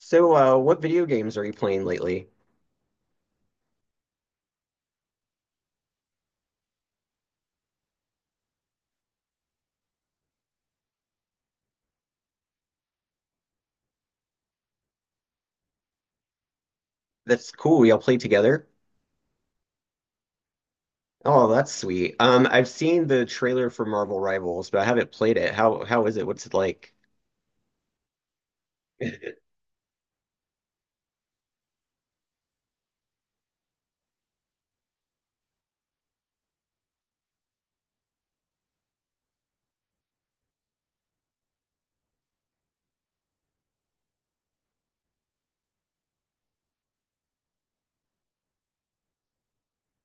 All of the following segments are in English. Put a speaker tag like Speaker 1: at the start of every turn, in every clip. Speaker 1: So, what video games are you playing lately? That's cool. We all play together? Oh, that's sweet. I've seen the trailer for Marvel Rivals, but I haven't played it. How is it? What's it like?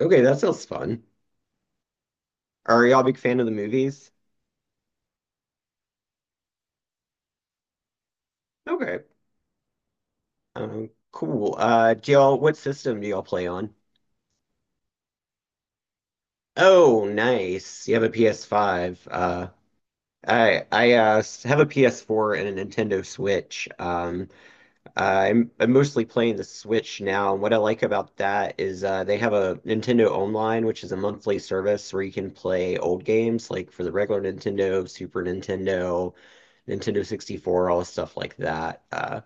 Speaker 1: Okay, that sounds fun. Are y'all a big fan of the movies? Okay. Cool. Do y'all What system do y'all play on? Oh, nice. You have a PS5. I have a PS4 and a Nintendo Switch. I'm mostly playing the Switch now, and what I like about that is they have a Nintendo Online, which is a monthly service where you can play old games like for the regular Nintendo, Super Nintendo, Nintendo 64, all stuff like that.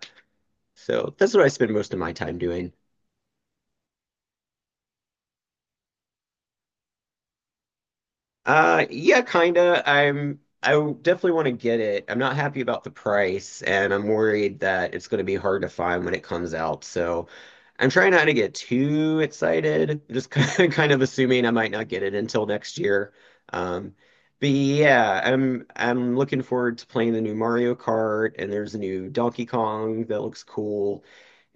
Speaker 1: So that's what I spend most of my time doing. Yeah, kinda. I definitely want to get it. I'm not happy about the price, and I'm worried that it's going to be hard to find when it comes out. So I'm trying not to get too excited. Just kind of assuming I might not get it until next year. Um, but yeah, I'm looking forward to playing the new Mario Kart, and there's a new Donkey Kong that looks cool,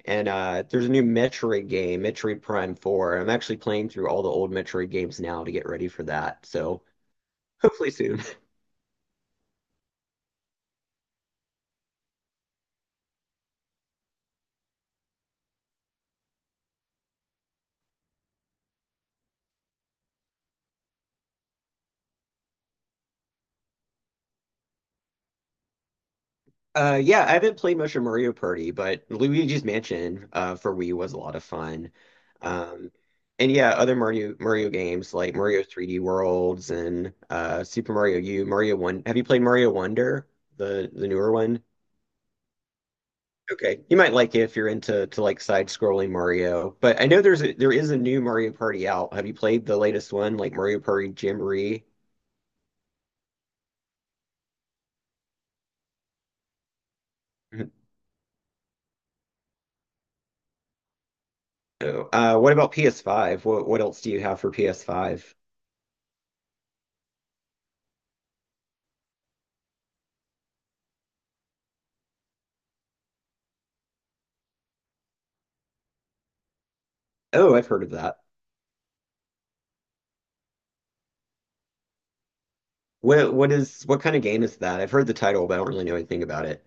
Speaker 1: and there's a new Metroid game, Metroid Prime 4. I'm actually playing through all the old Metroid games now to get ready for that. So. Hopefully soon. Yeah, I haven't played much of Mario Party, but Luigi's Mansion for Wii was a lot of fun. Um, and yeah, other Mario games like Mario 3D Worlds and Super Mario U, Mario One. Have you played Mario Wonder, the newer one? Okay, you might like it if you're into to like side-scrolling Mario. But I know there is a new Mario Party out. Have you played the latest one, like Mario Party Jamboree? Oh, what about PS5? What else do you have for PS5? Oh, I've heard of that. What kind of game is that? I've heard the title, but I don't really know anything about it.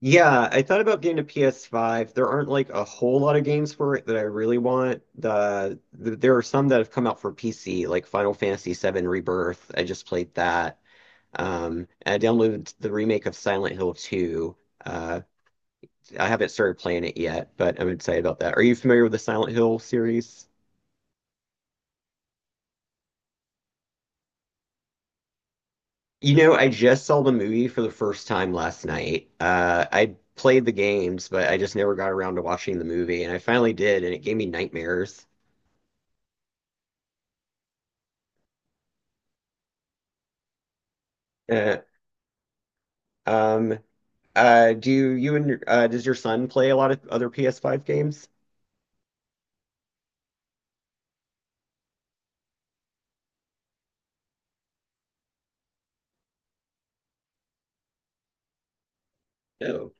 Speaker 1: Yeah, I thought about getting a PS5. There aren't like a whole lot of games for it that I really want. There are some that have come out for PC, like Final Fantasy VII Rebirth. I just played that. And I downloaded the remake of Silent Hill 2. Uh, I haven't started playing it yet, but I'm excited about that. Are you familiar with the Silent Hill series? You know, I just saw the movie for the first time last night. I played the games, but I just never got around to watching the movie, and I finally did, and it gave me nightmares. Uh, um, do you and does your son play a lot of other PS5 games? No.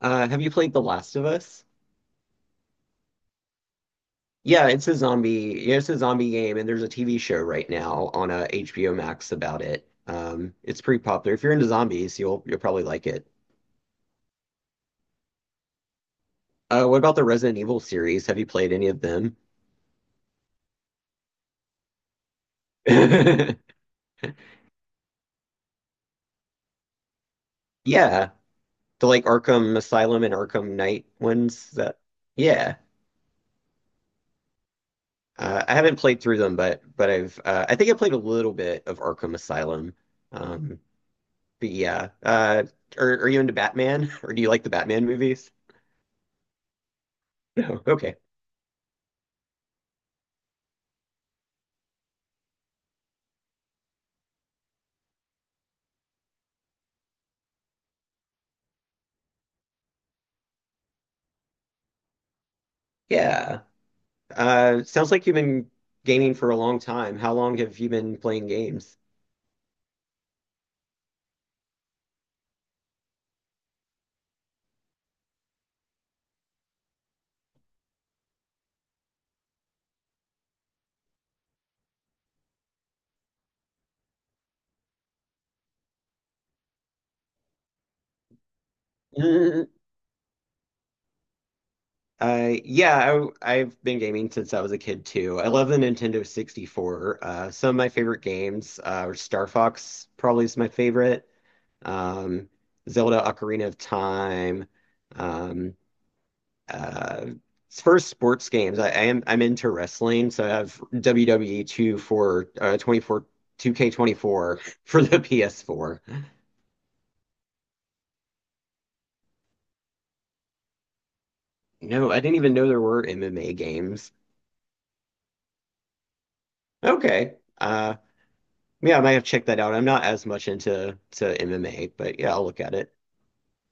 Speaker 1: Have you played The Last of Us? Yeah, it's a zombie game, and there's a TV show right now on HBO Max about it. It's pretty popular. If you're into zombies, you'll probably like it. What about the Resident Evil series? Have you played any of them? Yeah, the like Arkham Asylum and Arkham Knight ones that yeah. I haven't played through them, but I've I think I played a little bit of Arkham Asylum. Um, but yeah, are you into Batman or do you like the Batman movies? No. Okay. Yeah. Sounds like you've been gaming for a long time. How long have you been playing games? Yeah, I've been gaming since I was a kid too. I love the Nintendo 64. Some of my favorite games are Star Fox, probably is my favorite. Um, Zelda Ocarina of Time. Um, uh, First sports games. I'm into wrestling, so I have WWE 2 for uh, 24 2K24 for the PS4. No, I didn't even know there were MMA games. Okay. Yeah, I might have checked that out. I'm not as much into to MMA, but yeah, I'll look at it.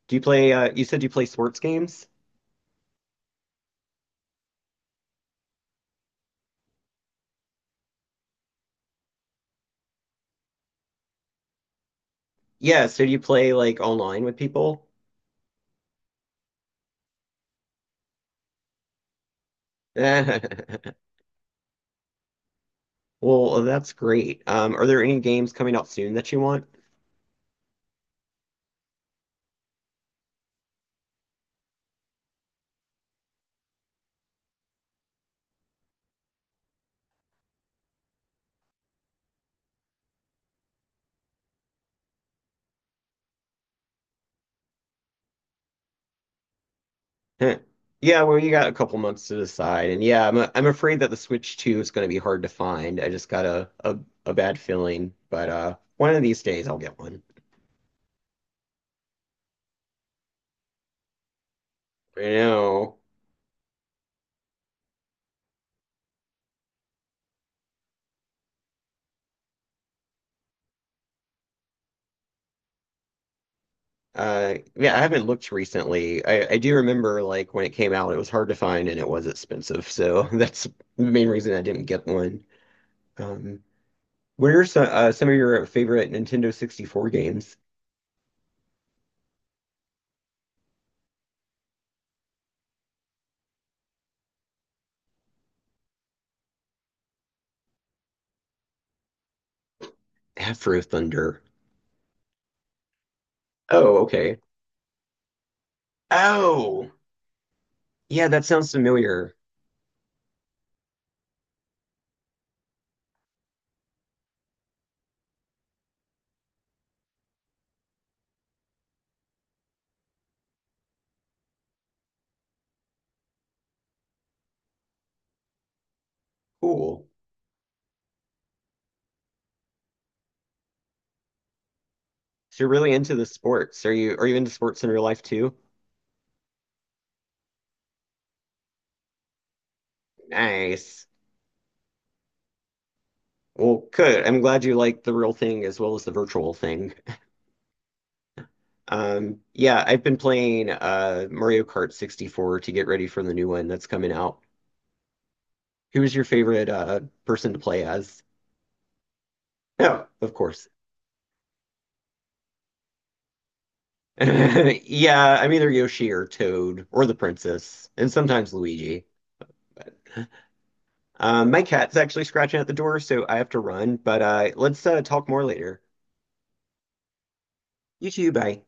Speaker 1: Do you play You said you play sports games? Yeah, so do you play like online with people? Well, that's great. Are there any games coming out soon that you want? Huh. Yeah, well, you got a couple months to decide. And yeah, I'm afraid that the Switch 2 is going to be hard to find. I just got a bad feeling, but one of these days I'll get one. I know. Yeah, I haven't looked recently. I do remember like when it came out, it was hard to find and it was expensive. So that's the main reason I didn't get one. Um, what are some of your favorite Nintendo 64 games? Afro Thunder. Oh, okay. Oh, yeah, that sounds familiar. Cool. So you're really into the sports. Are you into sports in real life too? Nice. Well, good. I'm glad you like the real thing as well as the virtual thing. Yeah, I've been playing Mario Kart 64 to get ready for the new one that's coming out. Who's your favorite person to play as? Oh, of course. Yeah, I'm either Yoshi or Toad or the princess, and sometimes Luigi. My cat's actually scratching at the door, so I have to run, but let's talk more later. You too, bye.